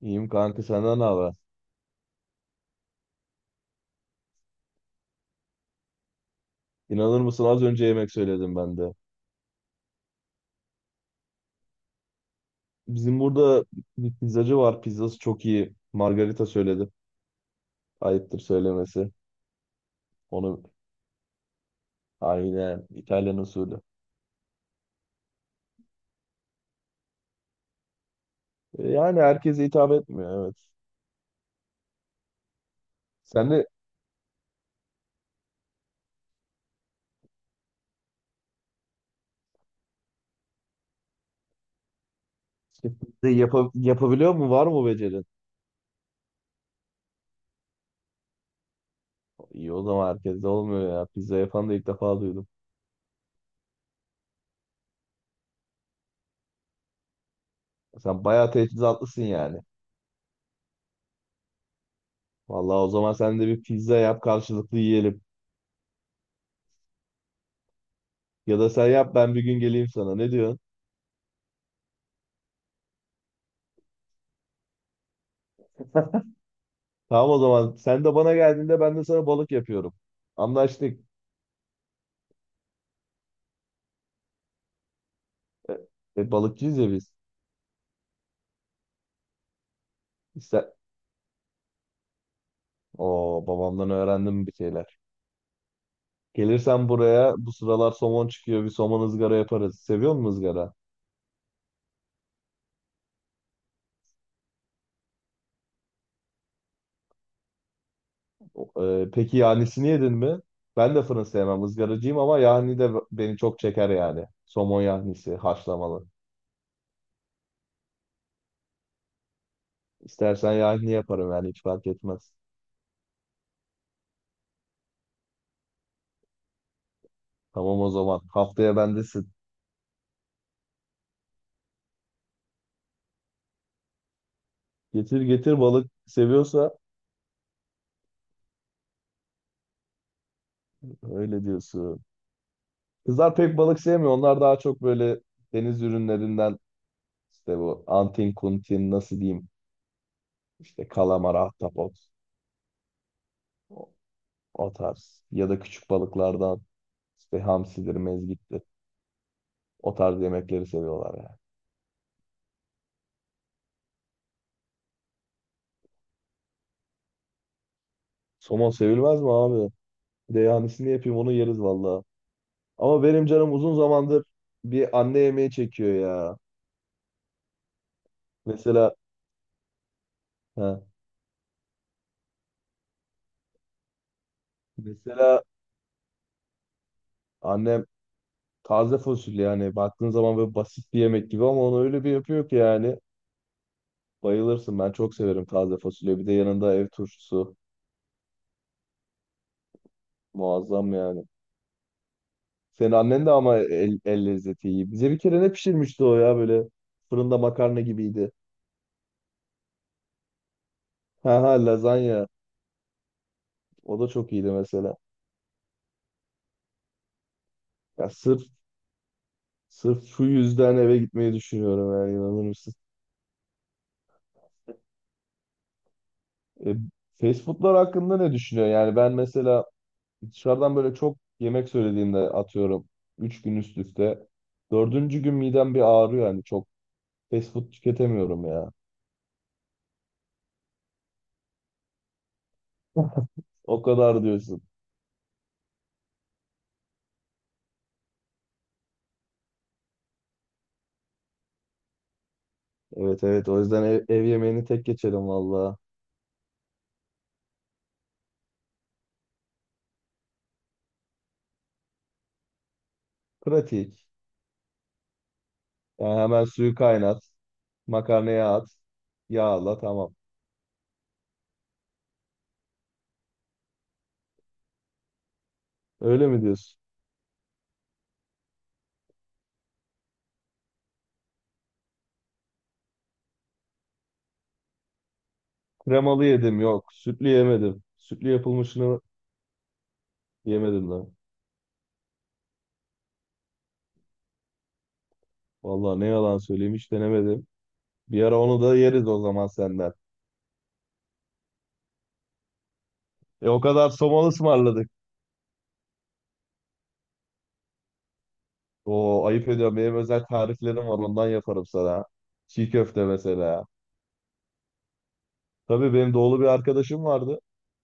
İyiyim kanka senden ne haber? İnanır mısın az önce yemek söyledim ben de. Bizim burada bir pizzacı var. Pizzası çok iyi. Margarita söyledim. Ayıptır söylemesi. Onu aynen İtalyan usulü. Yani herkese hitap etmiyor, evet. Sen de işte pizza yapabiliyor mu? Var mı bu becerin? İyi, o zaman herkes de olmuyor ya. Pizza yapan da ilk defa duydum. Sen bayağı teçhizatlısın yani. Vallahi o zaman sen de bir pizza yap, karşılıklı yiyelim. Ya da sen yap, ben bir gün geleyim sana. Ne diyorsun? Tamam o zaman. Sen de bana geldiğinde ben de sana balık yapıyorum. Anlaştık. E, Balıkçıyız ya biz. İşte babamdan öğrendim bir şeyler. Gelirsen buraya bu sıralar somon çıkıyor. Bir somon ızgara yaparız. Seviyor musun ızgara? Peki yahnisini yedin mi? Ben de fırın sevmem. Izgaracıyım ama yahni de beni çok çeker yani. Somon yahnisi haşlamalı. İstersen yahni yaparım, yani hiç fark etmez. Tamam o zaman. Haftaya bendesin. Getir getir, balık seviyorsa öyle diyorsun. Kızlar pek balık sevmiyor. Onlar daha çok böyle deniz ürünlerinden işte bu antin kuntin nasıl diyeyim, işte kalamar, ahtapot, o, o tarz ya da küçük balıklardan işte hamsidir, mezgittir. O tarz yemekleri seviyorlar yani. Somon sevilmez mi abi? Bir de yanisini yapayım, onu yeriz valla. Ama benim canım uzun zamandır bir anne yemeği çekiyor ya. Mesela ha, mesela annem taze fasulye, yani baktığın zaman böyle basit bir yemek gibi ama onu öyle bir yapıyor ki yani. Bayılırsın. Ben çok severim taze fasulye. Bir de yanında ev turşusu. Muazzam yani. Senin annen de ama el lezzeti iyi. Bize bir kere ne pişirmişti o ya, böyle fırında makarna gibiydi. Ha ha, lazanya. O da çok iyiydi mesela. Ya sırf şu yüzden eve gitmeyi düşünüyorum yani, inanır mısın? E, Fast foodlar hakkında ne düşünüyorsun? Yani ben mesela dışarıdan böyle çok yemek söylediğimde atıyorum 3 gün üst üste. Dördüncü gün midem bir ağrıyor yani, çok fast food tüketemiyorum ya. O kadar diyorsun. Evet evet, o yüzden ev yemeğini tek geçelim valla. Pratik. Yani hemen suyu kaynat. Makarnaya at. Yağla tamam. Öyle mi diyorsun? Kremalı yedim, yok. Sütlü yemedim. Sütlü yapılmışını yemedim lan. Valla ne yalan söyleyeyim, hiç denemedim. Bir ara onu da yeriz o zaman senden. E o kadar somalı ısmarladık. Oo, ayıp ediyorum. Benim özel tariflerim var, ondan yaparım sana. Çiğ köfte mesela. Tabii benim doğulu bir arkadaşım vardı.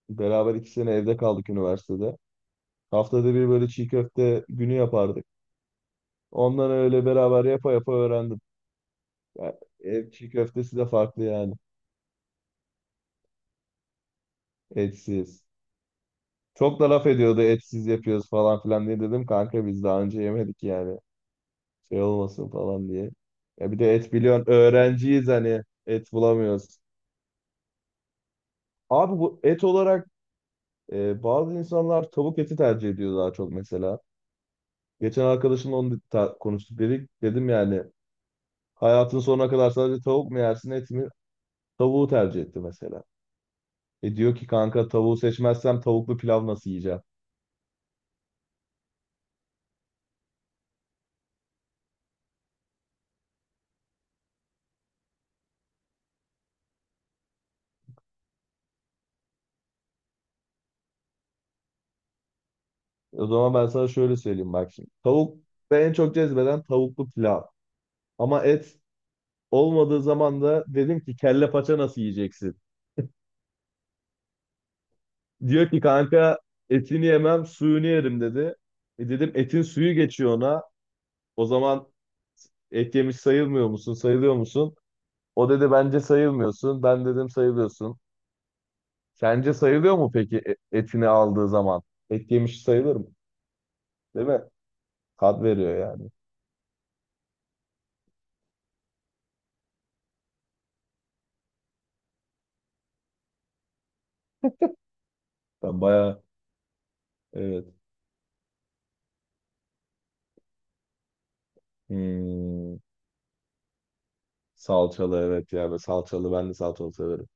Beraber iki sene evde kaldık üniversitede. Haftada bir böyle çiğ köfte günü yapardık. Ondan öyle beraber yapa yapa öğrendim. Yani ev çiğ köftesi de farklı yani. Etsiz. Çok da laf ediyordu etsiz yapıyoruz falan filan diye, dedim kanka biz daha önce yemedik yani. Şey olmasın falan diye. Ya bir de et biliyorsun, öğrenciyiz hani, et bulamıyoruz. Abi bu et olarak bazı insanlar tavuk eti tercih ediyor daha çok mesela. Geçen arkadaşımla onu konuştuk, dedik. Dedim yani, hayatın sonuna kadar sadece tavuk mu yersin, et mi? Tavuğu tercih etti mesela. E diyor ki kanka, tavuğu seçmezsem tavuklu pilav nasıl yiyeceğim? O zaman ben sana şöyle söyleyeyim, bak şimdi. Tavuk ve en çok cezbeden tavuklu pilav. Ama et olmadığı zaman da dedim ki, kelle paça nasıl yiyeceksin? Diyor ki kanka, etini yemem suyunu yerim dedi. E dedim, etin suyu geçiyor ona. O zaman et yemiş sayılmıyor musun? Sayılıyor musun? O dedi bence sayılmıyorsun. Ben dedim sayılıyorsun. Sence sayılıyor mu peki etini aldığı zaman? Et yemiş sayılır mı? Değil mi? Tat veriyor ya. Ben bayağı, evet. Hmm, salçalı evet ya. Ben salçalı, ben de salçalı severim.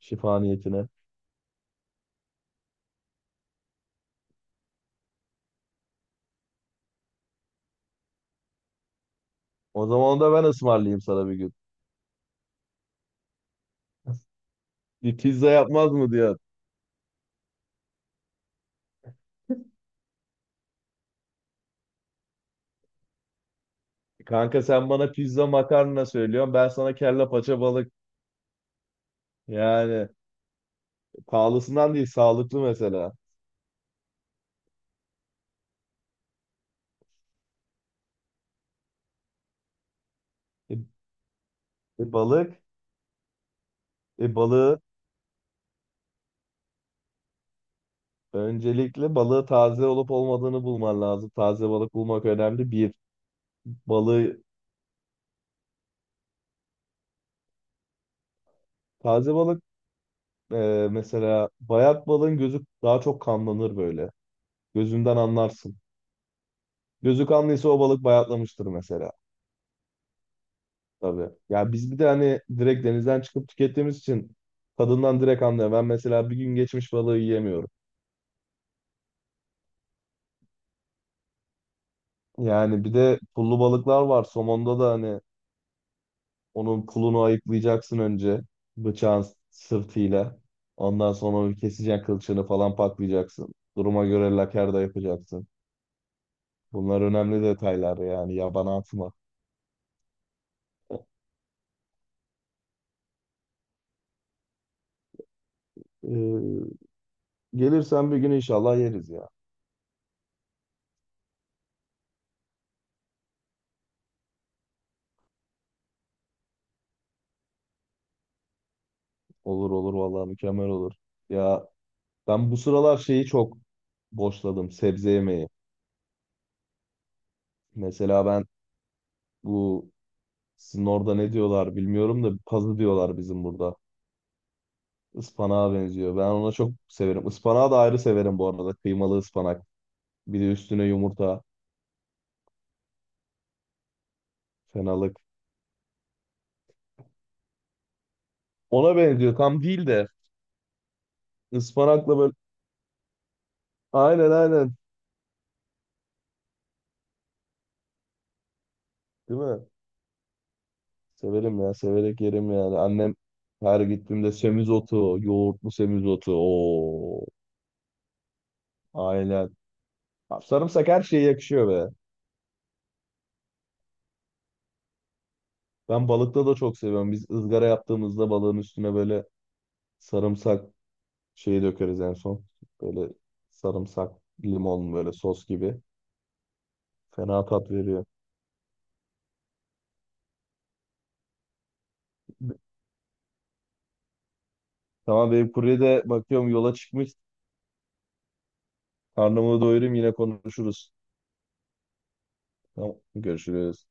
Şifa niyetine. O zaman onu da ben ısmarlayayım sana bir gün. Bir pizza yapmaz mı diyor. Kanka sen bana pizza makarna söylüyorsun. Ben sana kelle paça balık. Yani pahalısından değil, sağlıklı mesela. E, balık. E balığı Öncelikle balığı taze olup olmadığını bulman lazım. Taze balık bulmak önemli. Bir balığı taze balık, e, mesela bayat balığın gözü daha çok kanlanır böyle. Gözünden anlarsın. Gözü kanlıysa o balık bayatlamıştır mesela. Tabii. Ya biz bir de hani direkt denizden çıkıp tükettiğimiz için tadından direkt anlıyor. Ben mesela bir gün geçmiş balığı yiyemiyorum. Yani bir de pullu balıklar var. Somonda da hani onun pulunu ayıklayacaksın önce, bıçağın sırtıyla. Ondan sonra onu keseceksin, kılçığını falan paklayacaksın. Duruma göre laker de yapacaksın. Bunlar önemli detaylar yani, yabana atma. Ee, Gelirsen bir gün inşallah yeriz ya. Olur olur, vallahi mükemmel olur. Ya ben bu sıralar şeyi çok boşladım, sebze yemeği. Mesela ben bu sizin orada ne diyorlar bilmiyorum da, pazı diyorlar bizim burada. Ispanağa benziyor. Ben ona çok severim. Ispanağı da ayrı severim bu arada. Kıymalı ıspanak. Bir de üstüne yumurta. Fenalık. Ona benziyor tam değil de, ıspanakla böyle, aynen aynen, değil mi? Severim ya, severek yerim yani. Annem her gittiğimde semizotu, yoğurtlu semizotu. Oo, aynen. Abi sarımsak her şeye yakışıyor be. Ben balıkta da çok seviyorum. Biz ızgara yaptığımızda balığın üstüne böyle sarımsak şeyi dökeriz en son. Böyle sarımsak, limon, böyle sos gibi. Fena tat veriyor. Tamam, benim kurye de bakıyorum yola çıkmış. Karnımı doyurayım, yine konuşuruz. Tamam, görüşürüz.